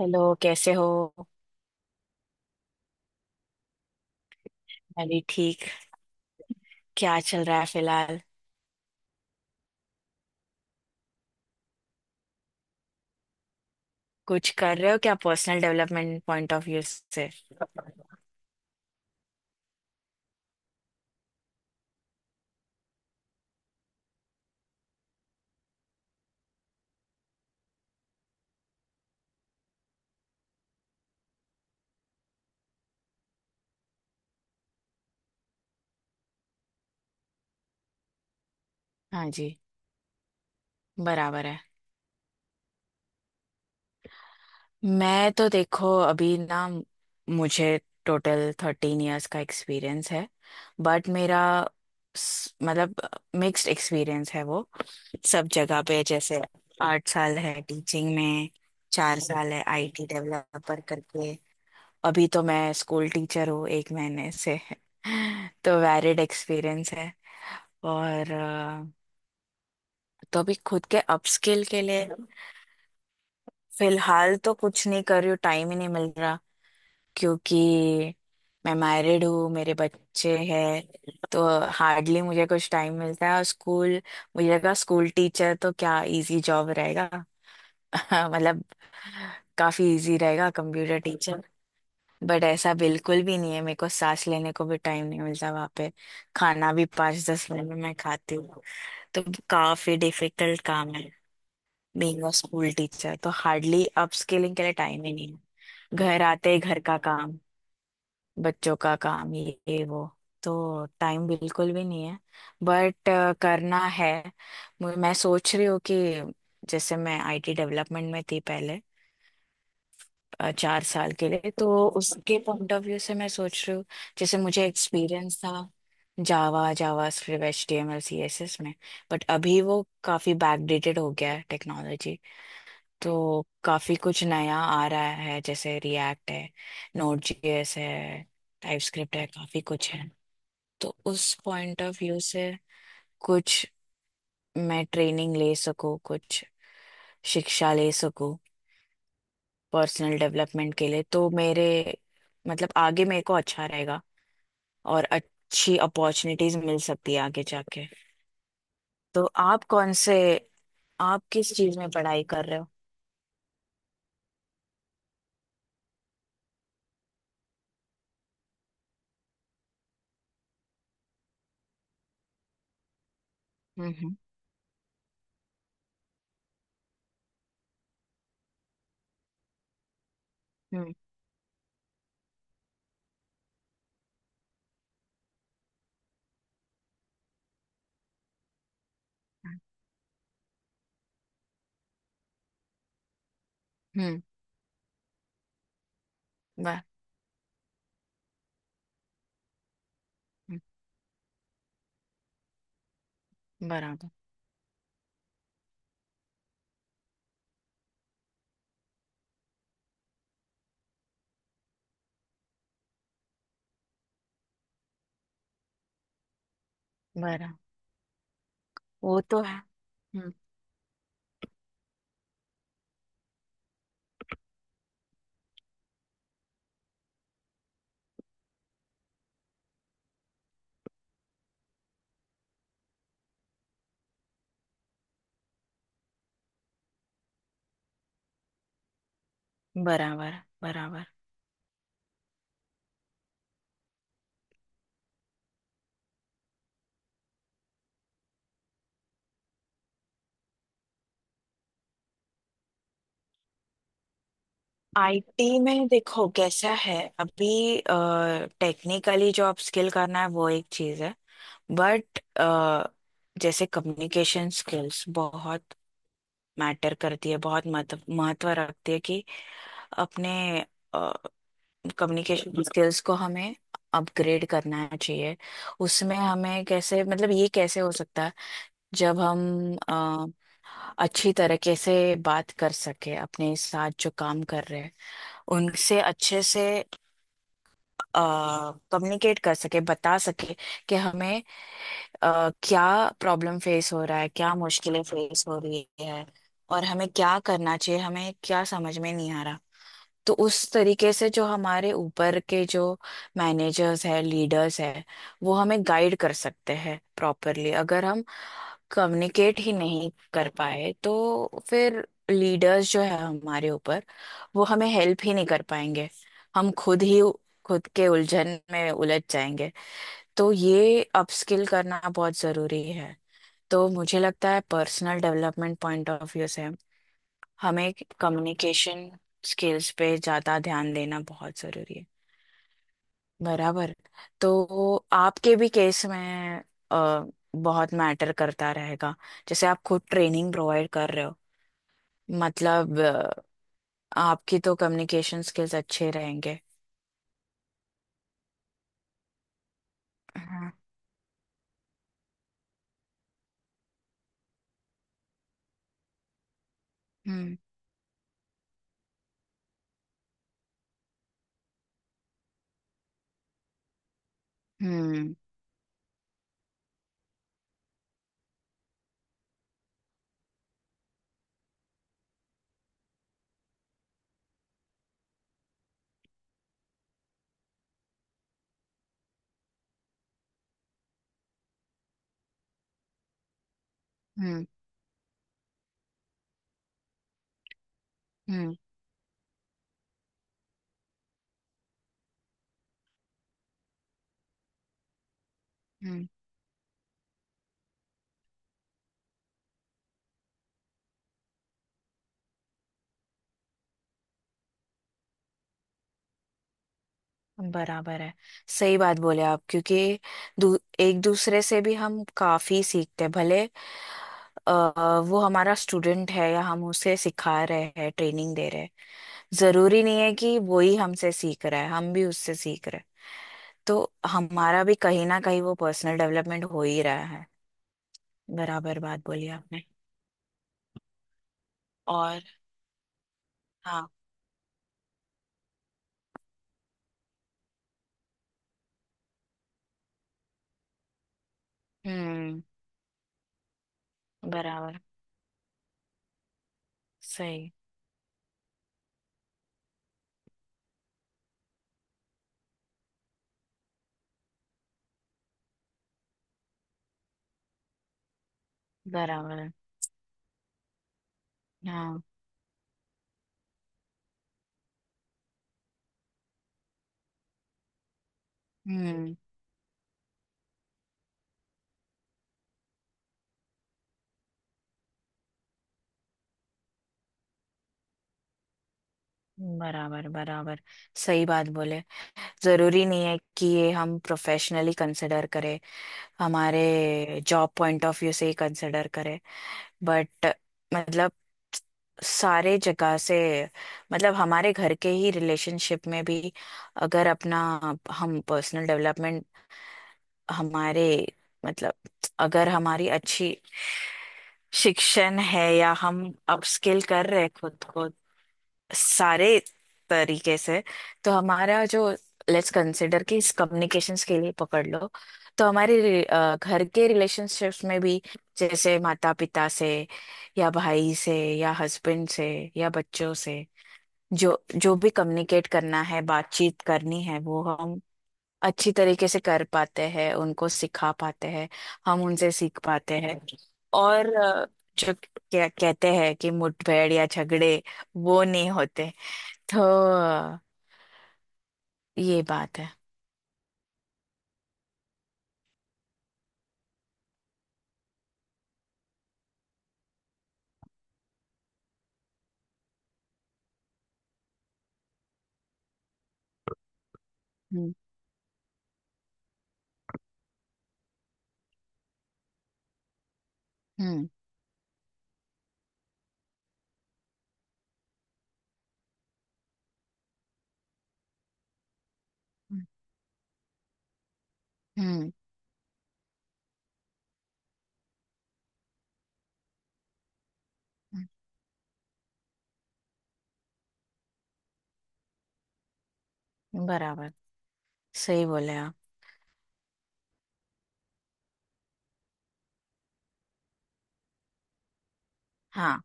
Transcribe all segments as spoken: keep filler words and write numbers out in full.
Hello, कैसे हो। मैं भी ठीक। क्या चल रहा है फिलहाल। कुछ कर रहे हो क्या personal development point of view से। हाँ जी। बराबर है। मैं तो देखो अभी ना, मुझे टोटल थर्टीन इयर्स का एक्सपीरियंस है। बट मेरा, स- मतलब, मिक्स्ड एक्सपीरियंस है वो। सब जगह पे जैसे आठ साल है टीचिंग में, चार साल है आईटी डेवलपर करके। अभी तो मैं स्कूल टीचर हूँ एक महीने से तो वैलिड एक्सपीरियंस है। और अ, तो अभी खुद के अपस्किल के लिए फिलहाल तो कुछ नहीं कर रही हूँ, टाइम ही नहीं मिल रहा, क्योंकि मैं मैरिड हूँ, मेरे बच्चे हैं, तो हार्डली मुझे कुछ टाइम मिलता है। और स्कूल, मुझे लगा स्कूल टीचर तो क्या इजी जॉब रहेगा मतलब काफी इजी रहेगा कंप्यूटर। बट ऐसा बिल्कुल भी नहीं है, मेरे को सांस लेने को भी टाइम नहीं मिलता वहां पे। खाना भी पाँच दस मिनट में मैं खाती हूँ। तो काफी डिफिकल्ट काम है बीइंग अ स्कूल टीचर, तो हार्डली अपस्किलिंग के लिए टाइम ही नहीं है। घर आते ही घर का काम, बच्चों का काम, ये ये वो, तो टाइम बिल्कुल भी नहीं है। बट करना है। मु- मैं सोच रही हूँ कि जैसे मैं आईटी डेवलपमेंट में थी पहले, अ, चार साल के लिए, तो उसके पॉइंट ऑफ व्यू से मैं सोच रही हूँ। जैसे मुझे एक्सपीरियंस था java JavaScript H T M L C S S में, बट अभी वो काफी बैकडेटेड हो गया है टेक्नोलॉजी। तो काफी कुछ नया आ रहा है, जैसे रिएक्ट है, नोड जी एस है, टाइप स्क्रिप्ट है, काफी कुछ है। तो उस पॉइंट ऑफ व्यू से कुछ मैं ट्रेनिंग ले सकूँ, कुछ शिक्षा ले सकूँ पर्सनल डेवलपमेंट के लिए, तो मेरे, मतलब आगे मेरे को अच्छा रहेगा और अच्छी अपॉर्चुनिटीज मिल सकती है आगे जाके। तो आप कौन से आप किस चीज में पढ़ाई कर रहे हो। हम्म। हम्म। हम्म। हम्म। ब- हम्म। बराबर। बराबर। वो तो है। हम्म। बराबर। बराबर। आईटी में देखो कैसा है अभी। टेक्निकली जो आप स्किल करना है वो एक चीज है, बट जैसे कम्युनिकेशन स्किल्स बहुत मैटर करती है, बहुत महत्व महत्व रखती है कि अपने कम्युनिकेशन स्किल्स को हमें अपग्रेड करना चाहिए। उसमें हमें कैसे, मतलब ये कैसे हो सकता है। जब हम अ, अच्छी तरीके से बात कर सके अपने साथ जो काम कर रहे हैं उनसे अच्छे से, कम्युनिकेट कर सके, बता सके कि हमें अ, क्या प्रॉब्लम फेस हो रहा है, क्या मुश्किलें फेस हो रही है, और हमें क्या करना चाहिए, हमें क्या समझ में नहीं आ रहा। तो उस तरीके से जो हमारे ऊपर के जो मैनेजर्स है, लीडर्स है, वो हमें गाइड कर सकते हैं प्रॉपरली। अगर हम कम्युनिकेट ही नहीं कर पाए, तो फिर लीडर्स जो है हमारे ऊपर, वो हमें हेल्प ही नहीं कर पाएंगे। हम खुद ही खुद के उलझन में उलझ जाएंगे। तो ये अपस्किल करना बहुत जरूरी है। तो मुझे लगता है personal development point of view से हमें कम्युनिकेशन स्किल्स पे ज़्यादा ध्यान देना बहुत ज़रूरी है। बराबर। तो आपके भी केस में अ, बहुत मैटर करता रहेगा, जैसे आप खुद ट्रेनिंग प्रोवाइड कर रहे हो, मतलब, अ, आपकी तो कम्युनिकेशन स्किल्स अच्छे रहेंगे। हाँ। हम्म। हम्म। हम्म। हम्म। हम्म। बराबर है। सही बात बोले आप, क्योंकि दू, एक दूसरे से भी हम काफी सीखते हैं, भले अ, वो हमारा स्टूडेंट है या हम उसे सिखा रहे हैं, ट्रेनिंग दे रहे हैं। जरूरी नहीं है कि वो ही हमसे सीख रहा है, हम भी उससे सीख रहे हैं। तो हमारा भी कहीं ना कहीं वो पर्सनल डेवलपमेंट हो ही रहा है। बराबर बात बोली आपने। और हाँ। हम्म। बराबर। सही। बराबर। हाँ। हम्म। बराबर। बराबर। सही बात बोले। जरूरी नहीं है कि ये हम प्रोफेशनली कंसिडर करें, हमारे जॉब पॉइंट ऑफ व्यू से ही कंसिडर करें। बट मतलब सारे जगह से, मतलब हमारे घर के ही रिलेशनशिप में भी, अगर अपना, हम पर्सनल डेवलपमेंट, हमारे, मतलब अगर हमारी अच्छी शिक्षण है या हम अपस्किल कर रहे हैं खुद को, सारे तरीके से, तो हमारा जो, लेट्स कंसिडर कि इस कम्युनिकेशंस के लिए पकड़ लो। तो हमारे रि- अ, घर के रिलेशनशिप्स में भी, जैसे माता पिता से या भाई से या हस्बैंड से या बच्चों से, जो जो भी कम्युनिकेट करना है, बातचीत करनी है, वो हम अच्छी तरीके से कर पाते हैं, उनको सिखा पाते हैं, हम उनसे सीख पाते हैं। और अ, जो क्या कहते हैं, कि मुठभेड़ या झगड़े वो नहीं होते। तो ये बात है। हम्म। हम्म। हम्म। हम्म। हम्म। बराबर। सही बोले आप। हाँ।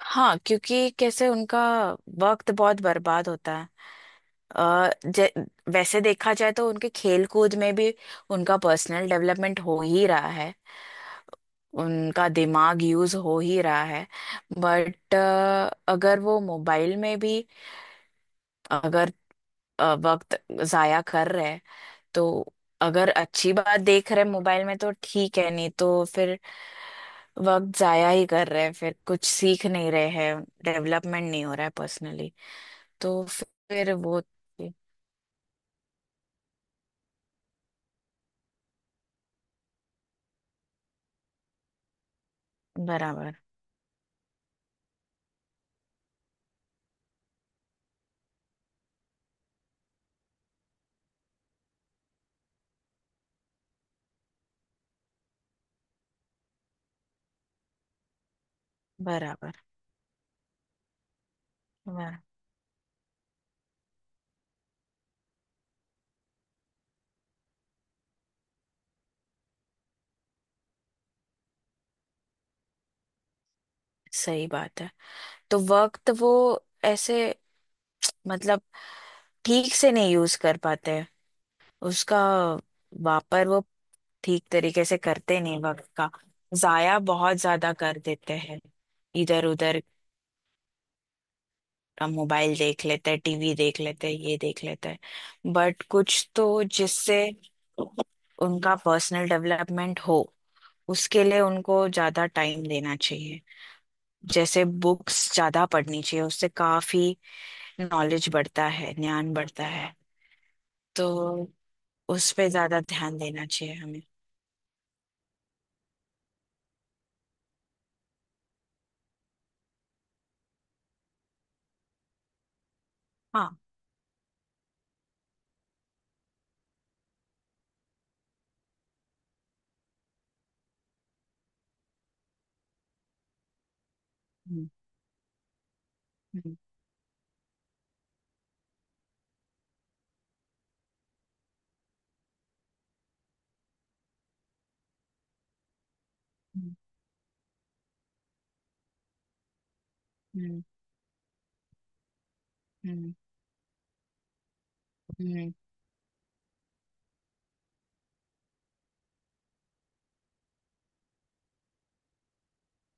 हाँ, क्योंकि कैसे उनका वक्त बहुत बर्बाद होता है। अ, जे- वैसे देखा जाए तो उनके खेल कूद में भी उनका पर्सनल डेवलपमेंट हो ही रहा है, उनका दिमाग यूज हो ही रहा है। बट अगर वो मोबाइल में भी, अगर अ, वक्त जाया कर रहे हैं, तो अगर अच्छी बात देख रहे हैं मोबाइल में तो ठीक है, नहीं तो फिर वक्त जाया ही कर रहे हैं, फिर कुछ सीख नहीं रहे हैं, डेवलपमेंट नहीं हो रहा है पर्सनली। तो फिर वो, बराबर। बराबर। बराबर। सही बात है। तो वक्त वो ऐसे, मतलब ठीक से नहीं यूज कर पाते हैं, उसका वापर वो ठीक तरीके से करते नहीं, वक्त का जाया बहुत ज्यादा कर देते हैं इधर उधर। हम मोबाइल देख लेते हैं, टीवी देख लेते हैं, ये देख लेते हैं, बट कुछ तो जिससे उनका पर्सनल डेवलपमेंट हो, उसके लिए उनको ज्यादा टाइम देना चाहिए, जैसे बुक्स ज्यादा पढ़नी चाहिए, उससे काफी नॉलेज बढ़ता है, ज्ञान बढ़ता है। तो उस पे ज्यादा ध्यान देना चाहिए हमें। हाँ। हम्म। हम्म। हम्म। हम्म।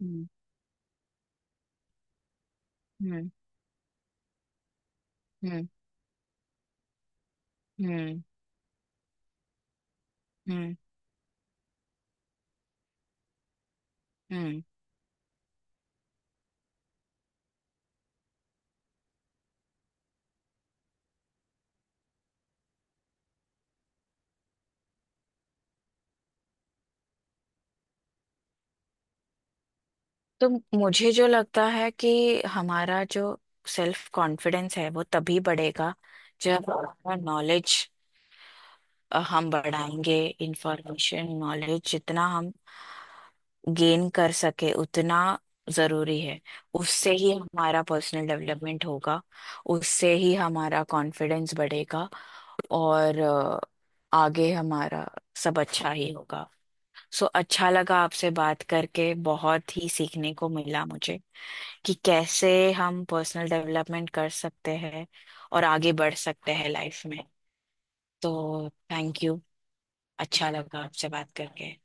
हम्म। हम्म। हम्म। हम्म। हम्म। हम्म। हम्म। हम्म। तो मुझे जो लगता है कि हमारा जो सेल्फ कॉन्फिडेंस है वो तभी बढ़ेगा जब हमारा नॉलेज हम बढ़ाएंगे। इंफॉर्मेशन नॉलेज जितना हम गेन कर सके, उतना जरूरी है। उससे ही हमारा पर्सनल डेवलपमेंट होगा, उससे ही हमारा कॉन्फिडेंस बढ़ेगा। और अ, आगे हमारा सब अच्छा ही होगा। सो अच्छा लगा आपसे बात करके, बहुत ही सीखने को मिला मुझे कि कैसे हम पर्सनल डेवलपमेंट कर सकते हैं और आगे बढ़ सकते हैं लाइफ में। तो थैंक यू। अच्छा लगा आपसे बात करके।